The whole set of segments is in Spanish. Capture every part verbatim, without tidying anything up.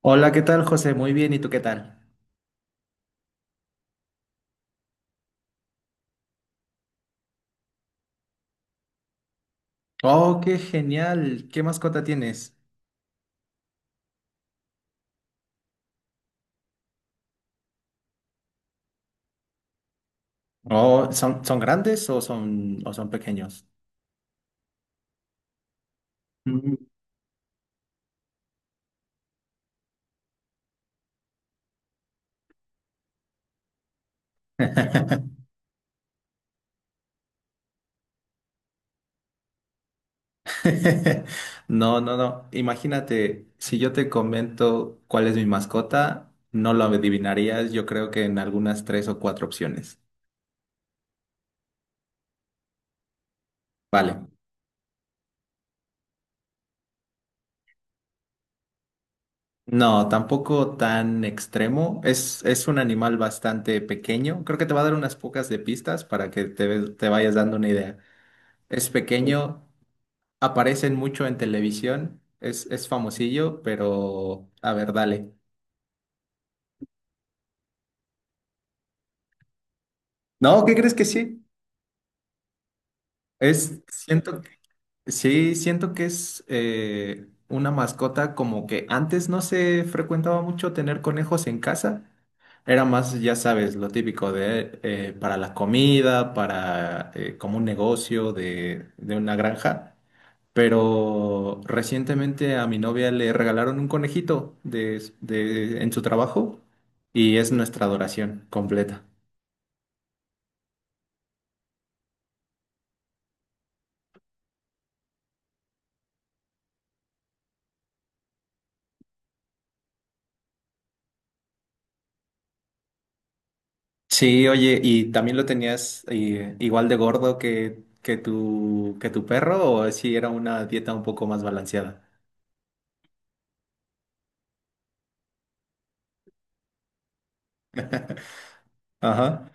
Hola, ¿qué tal, José? Muy bien, ¿y tú qué tal? Oh, qué genial. ¿Qué mascota tienes? Oh, ¿son, son grandes o son, o son pequeños? Mm. No, no, no. Imagínate, si yo te comento cuál es mi mascota, no lo adivinarías. Yo creo que en algunas tres o cuatro opciones. Vale. No, tampoco tan extremo. Es, es un animal bastante pequeño. Creo que te va a dar unas pocas de pistas para que te, te vayas dando una idea. Es pequeño. Aparecen mucho en televisión, es, es famosillo, pero a ver, dale. No, ¿qué crees que sí? Es, siento, sí, siento que es eh, una mascota como que antes no se frecuentaba mucho tener conejos en casa. Era más, ya sabes, lo típico de eh, para la comida, para eh, como un negocio de, de una granja. Pero recientemente a mi novia le regalaron un conejito de, de- en su trabajo y es nuestra adoración completa. Sí, oye, ¿y también lo tenías eh, igual de gordo que, que tu, que tu perro o si era una dieta un poco más balanceada? Ajá.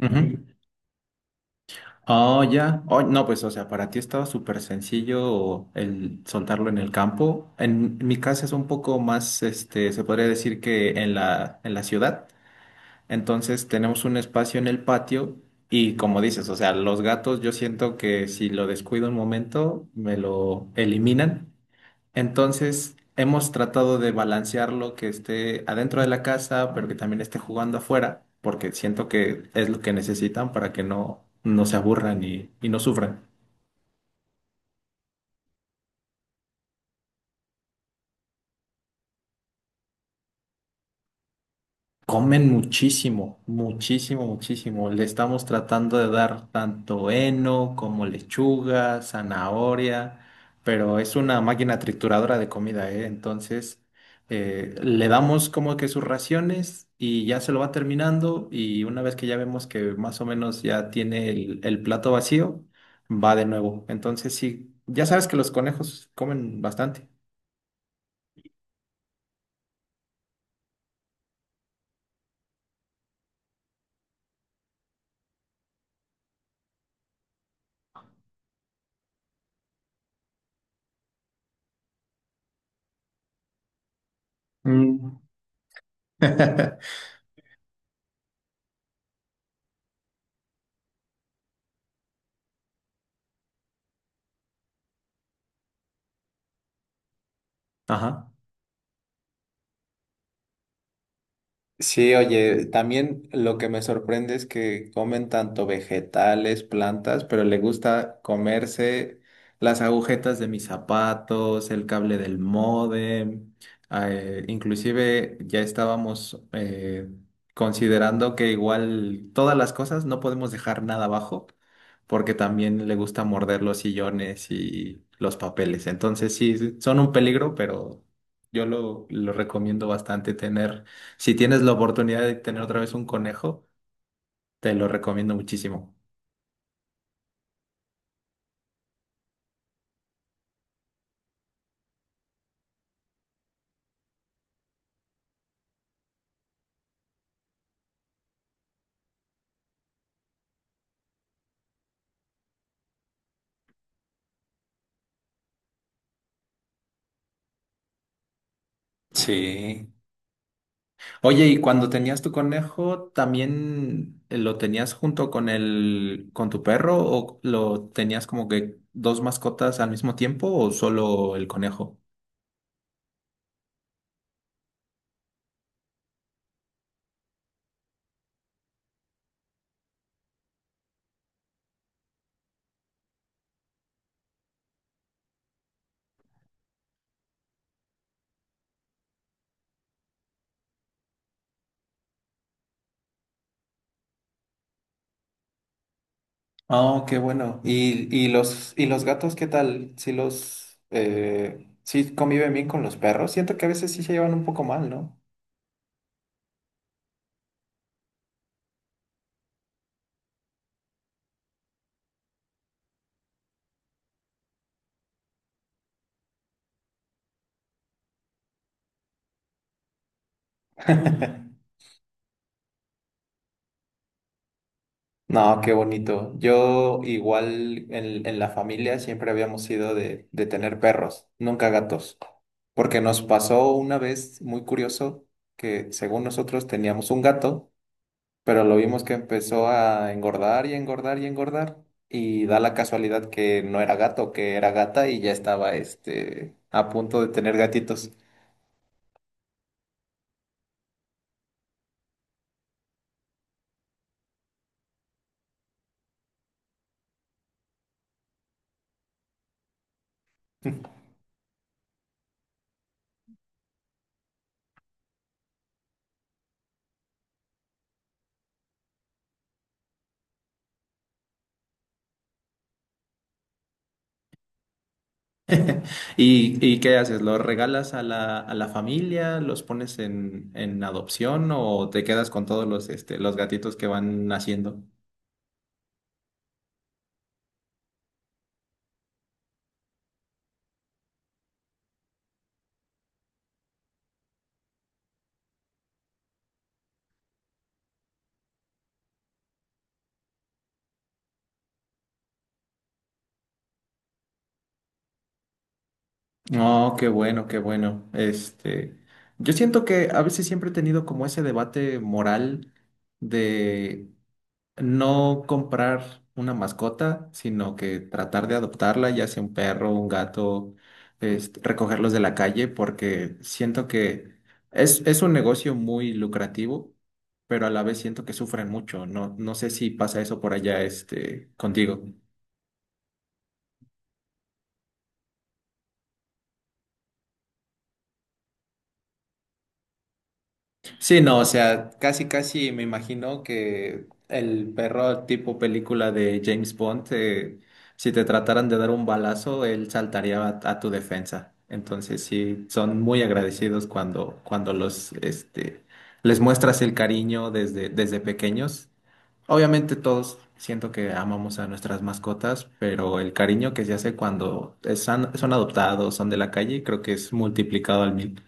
Ujú. Oh, ya. Oh, no, pues, o sea, para ti estaba súper sencillo el soltarlo en el campo. En mi casa es un poco más, este, se podría decir que en la, en la ciudad. Entonces tenemos un espacio en el patio y como dices, o sea, los gatos yo siento que si lo descuido un momento me lo eliminan. Entonces hemos tratado de balancearlo que esté adentro de la casa, pero que también esté jugando afuera, porque siento que es lo que necesitan para que no, no se aburran y, y no sufran. Comen muchísimo, muchísimo, muchísimo. Le estamos tratando de dar tanto heno como lechuga, zanahoria, pero es una máquina trituradora de comida, ¿eh? Entonces, eh, le damos como que sus raciones y ya se lo va terminando y una vez que ya vemos que más o menos ya tiene el, el plato vacío, va de nuevo. Entonces, sí, ya sabes que los conejos comen bastante. Mm. Ajá. Sí, oye, también lo que me sorprende es que comen tanto vegetales, plantas, pero le gusta comerse las agujetas de mis zapatos, el cable del módem. Eh, inclusive ya estábamos eh, considerando que igual todas las cosas no podemos dejar nada abajo, porque también le gusta morder los sillones y los papeles. Entonces sí, son un peligro, pero yo lo, lo recomiendo bastante tener. Si tienes la oportunidad de tener otra vez un conejo, te lo recomiendo muchísimo. Sí. Oye, y cuando tenías tu conejo, ¿también lo tenías junto con el, con tu perro o lo tenías como que dos mascotas al mismo tiempo o solo el conejo? Oh, qué bueno. ¿Y, y los, y los gatos qué tal? Si los, eh, sí conviven bien con los perros. Siento que a veces sí se llevan un poco mal, ¿no? No, qué bonito. Yo igual en, en la familia siempre habíamos sido de, de tener perros, nunca gatos, porque nos pasó una vez muy curioso que según nosotros teníamos un gato, pero lo vimos que empezó a engordar y engordar y engordar y da la casualidad que no era gato, que era gata y ya estaba este a punto de tener gatitos. ¿Y, y qué haces? ¿Los regalas a la, a la familia? ¿Los pones en, en adopción o te quedas con todos los, este, los gatitos que van naciendo? Oh, qué bueno, qué bueno. Este, yo siento que a veces siempre he tenido como ese debate moral de no comprar una mascota, sino que tratar de adoptarla, ya sea un perro, un gato, este, recogerlos de la calle, porque siento que es, es un negocio muy lucrativo, pero a la vez siento que sufren mucho. No, no sé si pasa eso por allá, este, contigo. Sí, no, o sea, casi, casi me imagino que el perro tipo película de James Bond, eh, si te trataran de dar un balazo, él saltaría a, a tu defensa. Entonces, sí, son muy agradecidos cuando, cuando los, este, les muestras el cariño desde, desde pequeños. Obviamente todos siento que amamos a nuestras mascotas, pero el cariño que se hace cuando es- son, son adoptados, son de la calle, creo que es multiplicado al mil.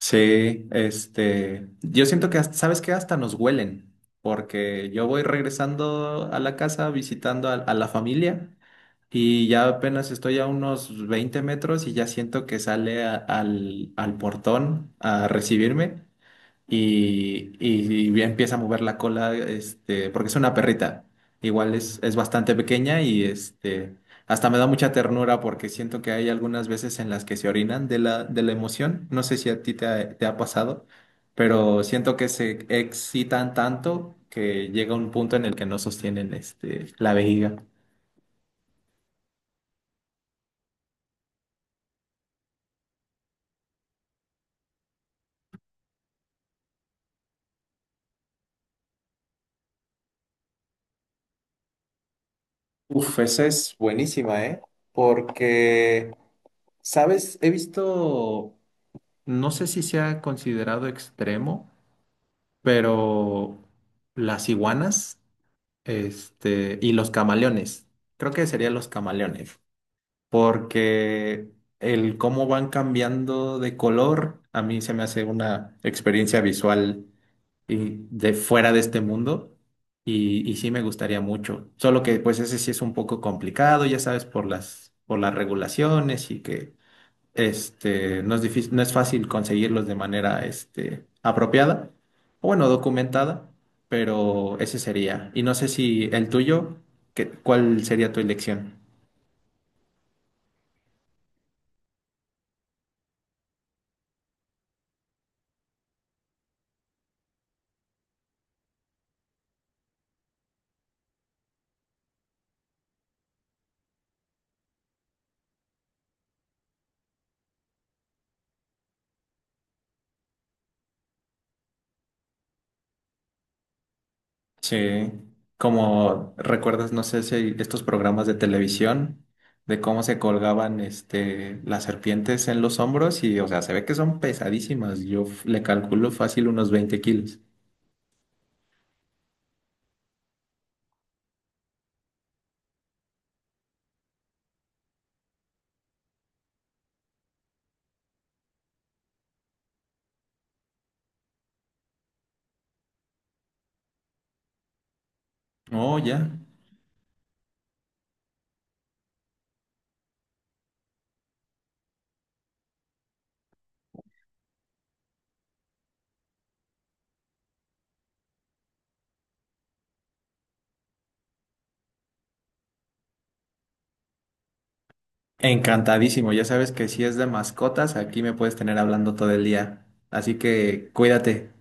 Sí, este, yo siento que, hasta- ¿sabes qué? Hasta nos huelen, porque yo voy regresando a la casa visitando a, a la familia y ya apenas estoy a unos veinte metros y ya siento que sale a- al, al portón a recibirme y, y bien empieza a mover la cola, este, porque es una perrita. Igual es, es bastante pequeña y este, hasta me da mucha ternura porque siento que hay algunas veces en las que se orinan de la, de la emoción. No sé si a ti te ha, te ha pasado, pero siento que se excitan tanto que llega un punto en el que no sostienen este, la vejiga. Uf, esa es buenísima, ¿eh? Porque, ¿sabes? He visto, no sé si sea considerado extremo, pero las iguanas, este, y los camaleones. Creo que serían los camaleones, porque el cómo van cambiando de color a mí se me hace una experiencia visual y de fuera de este mundo y, y sí me gustaría mucho. Solo que pues ese sí es un poco complicado, ya sabes, por las por las regulaciones y que este, no es difícil, no es fácil conseguirlos de manera, este, apropiada, o bueno, documentada, pero ese sería. Y no sé si el tuyo, que- ¿cuál sería tu elección? Sí, como recuerdas, no sé si estos programas de televisión, de cómo se colgaban, este, las serpientes en los hombros y, o sea, se ve que son pesadísimas. Yo f- le calculo fácil unos veinte kilos. Oh, ya. Encantadísimo, ya sabes que si es de mascotas, aquí me puedes tener hablando todo el día. Así que cuídate.